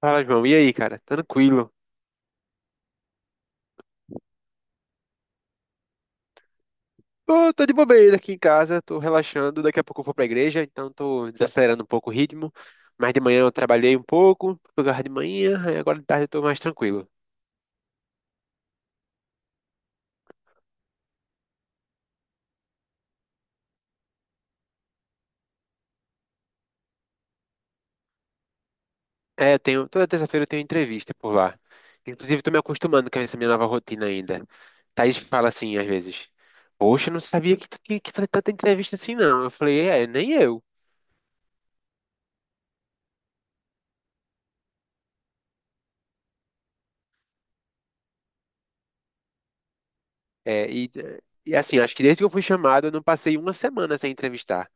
Fala, João. E aí, cara? Tranquilo? Tô de bobeira aqui em casa, tô relaxando. Daqui a pouco eu vou pra igreja, então tô desacelerando um pouco o ritmo. Mas de manhã eu trabalhei um pouco, pegar de manhã, aí agora de tarde eu tô mais tranquilo. É, eu tenho, toda terça-feira eu tenho entrevista por lá. Inclusive, tô me acostumando com essa minha nova rotina ainda. Thaís fala assim, às vezes: Poxa, eu não sabia que tu tinha que fazer tanta entrevista assim, não. Eu falei: É, nem eu. É, e, e assim, acho que desde que eu fui chamado, eu não passei uma semana sem entrevistar.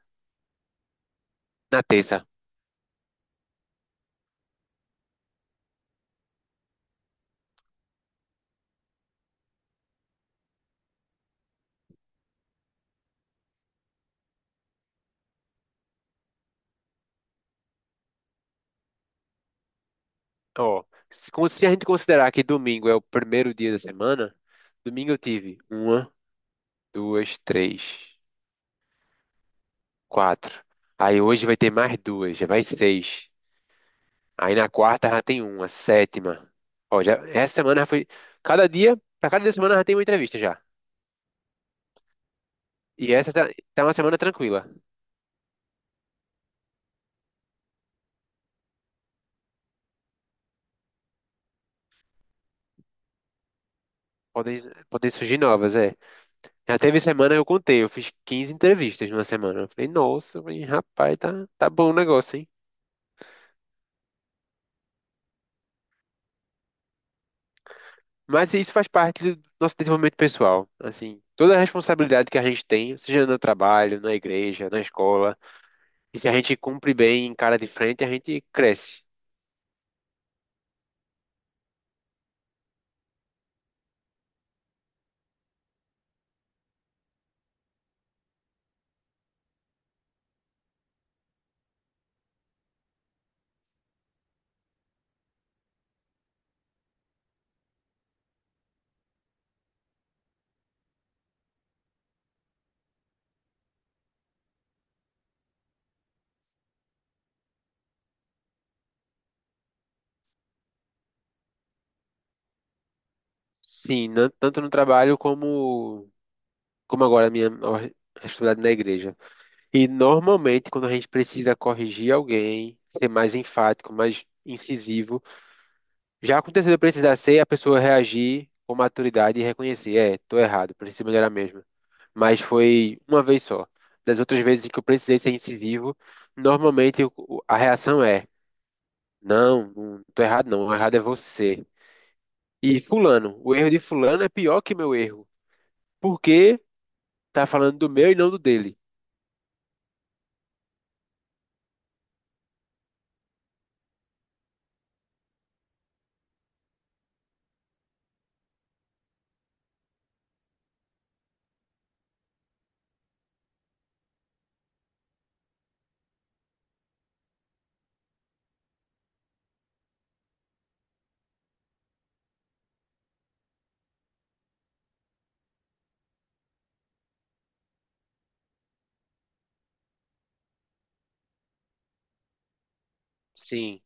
Na terça. Ó, se a gente considerar que domingo é o primeiro dia da semana, domingo eu tive uma, duas, três, quatro. Aí hoje vai ter mais duas, já vai seis. Aí na quarta já tem uma, sétima. Ó, já, essa semana já foi. Pra cada dia da semana já tem uma entrevista já. E essa tá uma semana tranquila. Podem, podem surgir novas, é. Já teve semana que eu contei, eu fiz 15 entrevistas numa semana. Eu falei, nossa, eu falei, rapaz, tá bom o negócio, hein? Mas isso faz parte do nosso desenvolvimento pessoal. Assim, toda a responsabilidade que a gente tem, seja no trabalho, na igreja, na escola, e se a gente cumpre bem, encara de frente, a gente cresce. Sim, tanto no trabalho como agora a minha nova responsabilidade na igreja. E normalmente, quando a gente precisa corrigir alguém, ser mais enfático, mais incisivo, já aconteceu de eu precisar ser, a pessoa reagir com maturidade e reconhecer, é, tô errado, preciso melhorar mesmo. Mas foi uma vez só. Das outras vezes que eu precisei ser incisivo, normalmente a reação é: não, não tô errado, não, o errado é você. E fulano, o erro de fulano é pior que meu erro, porque tá falando do meu e não do dele. Sim.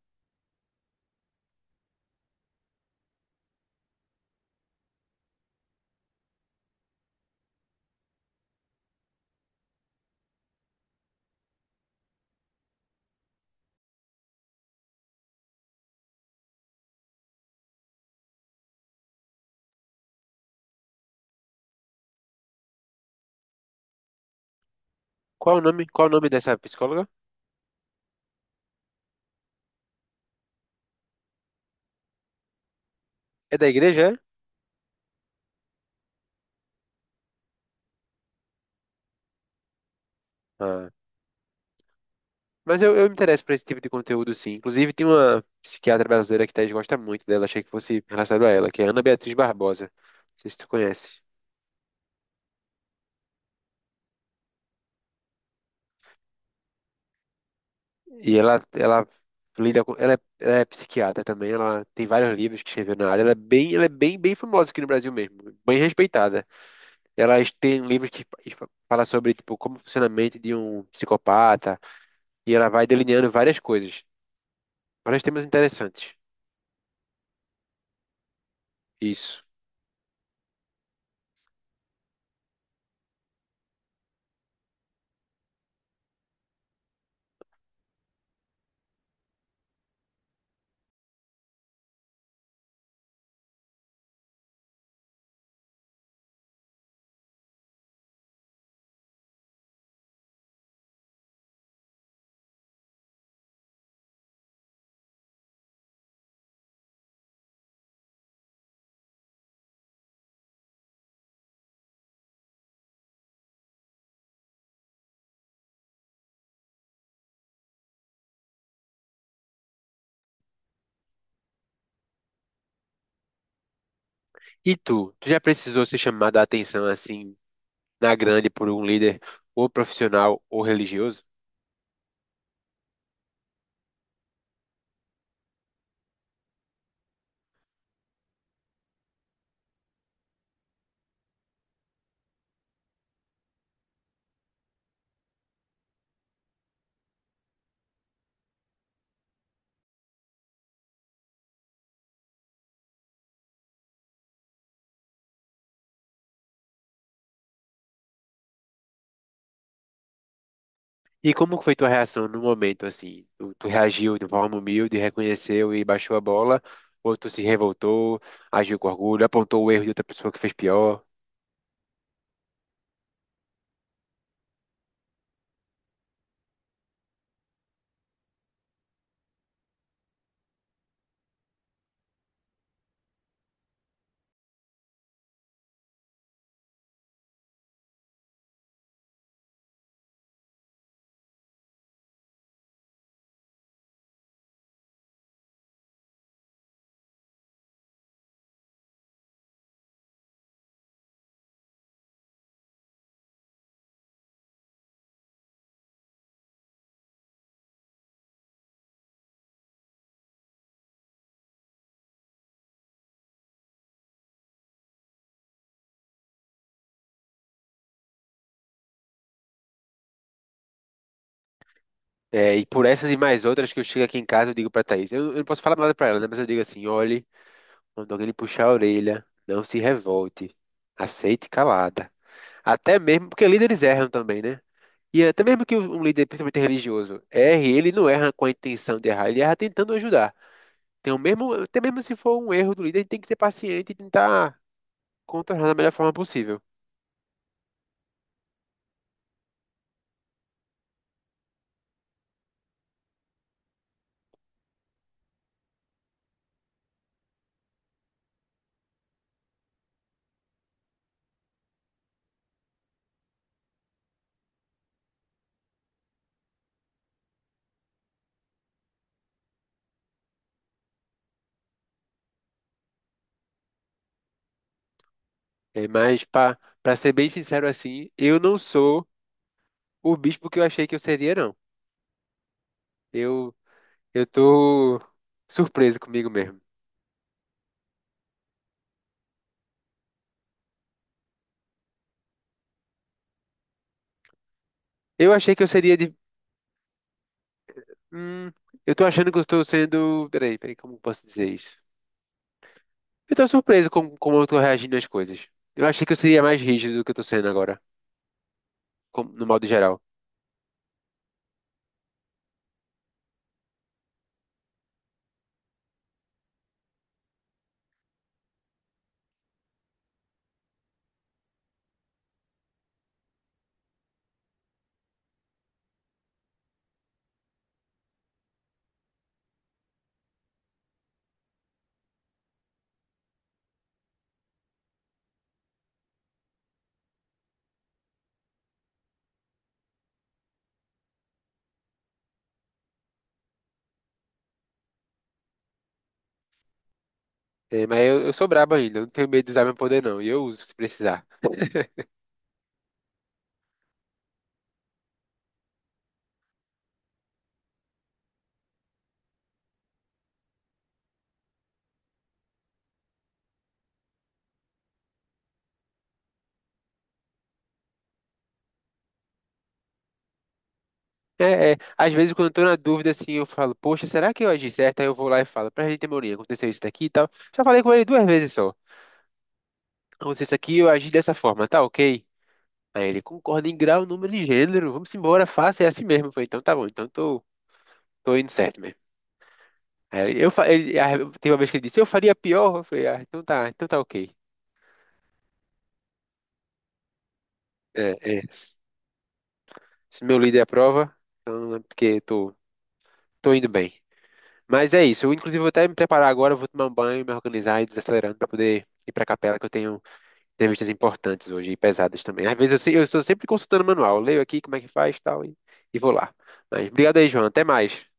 Qual o nome dessa psicóloga? É da igreja, é? Ah. Mas eu me interesso por esse tipo de conteúdo, sim. Inclusive, tem uma psiquiatra brasileira que Thaís gosta muito dela, achei que fosse relacionado a ela, que é Ana Beatriz Barbosa. Não sei se tu conhece. E ela é psiquiatra também, ela tem vários livros que escreveu na área, ela é bem, bem famosa aqui no Brasil mesmo, bem respeitada. Tem livros que fala sobre, tipo, como funciona a mente de um psicopata, e ela vai delineando várias coisas, vários temas interessantes. Isso. E tu já precisou ser chamada a atenção, assim, na grande por um líder ou profissional ou religioso? E como foi tua reação no momento, assim? Tu reagiu de forma humilde, reconheceu e baixou a bola? Ou tu se revoltou, agiu com orgulho, apontou o erro de outra pessoa que fez pior? É, e por essas e mais outras que eu chego aqui em casa, eu digo pra Thaís. Eu não posso falar nada pra ela, né? Mas eu digo assim, olhe, quando alguém lhe puxar a orelha, não se revolte. Aceite calada. Até mesmo, porque líderes erram também, né? E até mesmo que um líder, principalmente religioso, erre, ele não erra com a intenção de errar, ele erra tentando ajudar. Tem o mesmo, até mesmo se for um erro do líder, a gente tem que ser paciente e tentar contornar da melhor forma possível. É, mas, para ser bem sincero assim, eu não sou o bispo que eu achei que eu seria, não. Eu, eu tô surpreso comigo mesmo. Eu achei que eu seria de. Hum, eu tô achando que eu estou sendo. Peraí, como eu posso dizer isso? Eu tô surpreso com como eu tô reagindo às coisas. Eu achei que eu seria mais rígido do que eu tô sendo agora, no modo geral. É, mas eu sou brabo ainda, eu não tenho medo de usar meu poder, não. E eu uso se precisar. Às vezes quando eu tô na dúvida, assim, eu falo, poxa, será que eu agi certo? Aí eu vou lá e falo, pra gente, Mourinho, aconteceu isso daqui e tal. Já falei com ele duas vezes só. Aconteceu isso aqui, eu agi dessa forma, tá ok? Aí ele concorda em grau, número e gênero, vamos embora, faça, é assim mesmo. Eu falei, então tá bom, tô indo certo mesmo. Aí eu, fa- ele, ah, teve uma vez que ele disse, eu faria pior, eu falei, ah, então tá ok. É, se meu líder aprova, então é porque tô indo bem. Mas é isso. Eu, inclusive, vou até me preparar agora, eu vou tomar um banho, me organizar e desacelerando para poder ir para a capela, que eu tenho entrevistas importantes hoje e pesadas também. Às vezes eu estou sempre consultando o manual. Eu leio aqui como é que faz e tal, e vou lá. Mas obrigado aí, João. Até mais.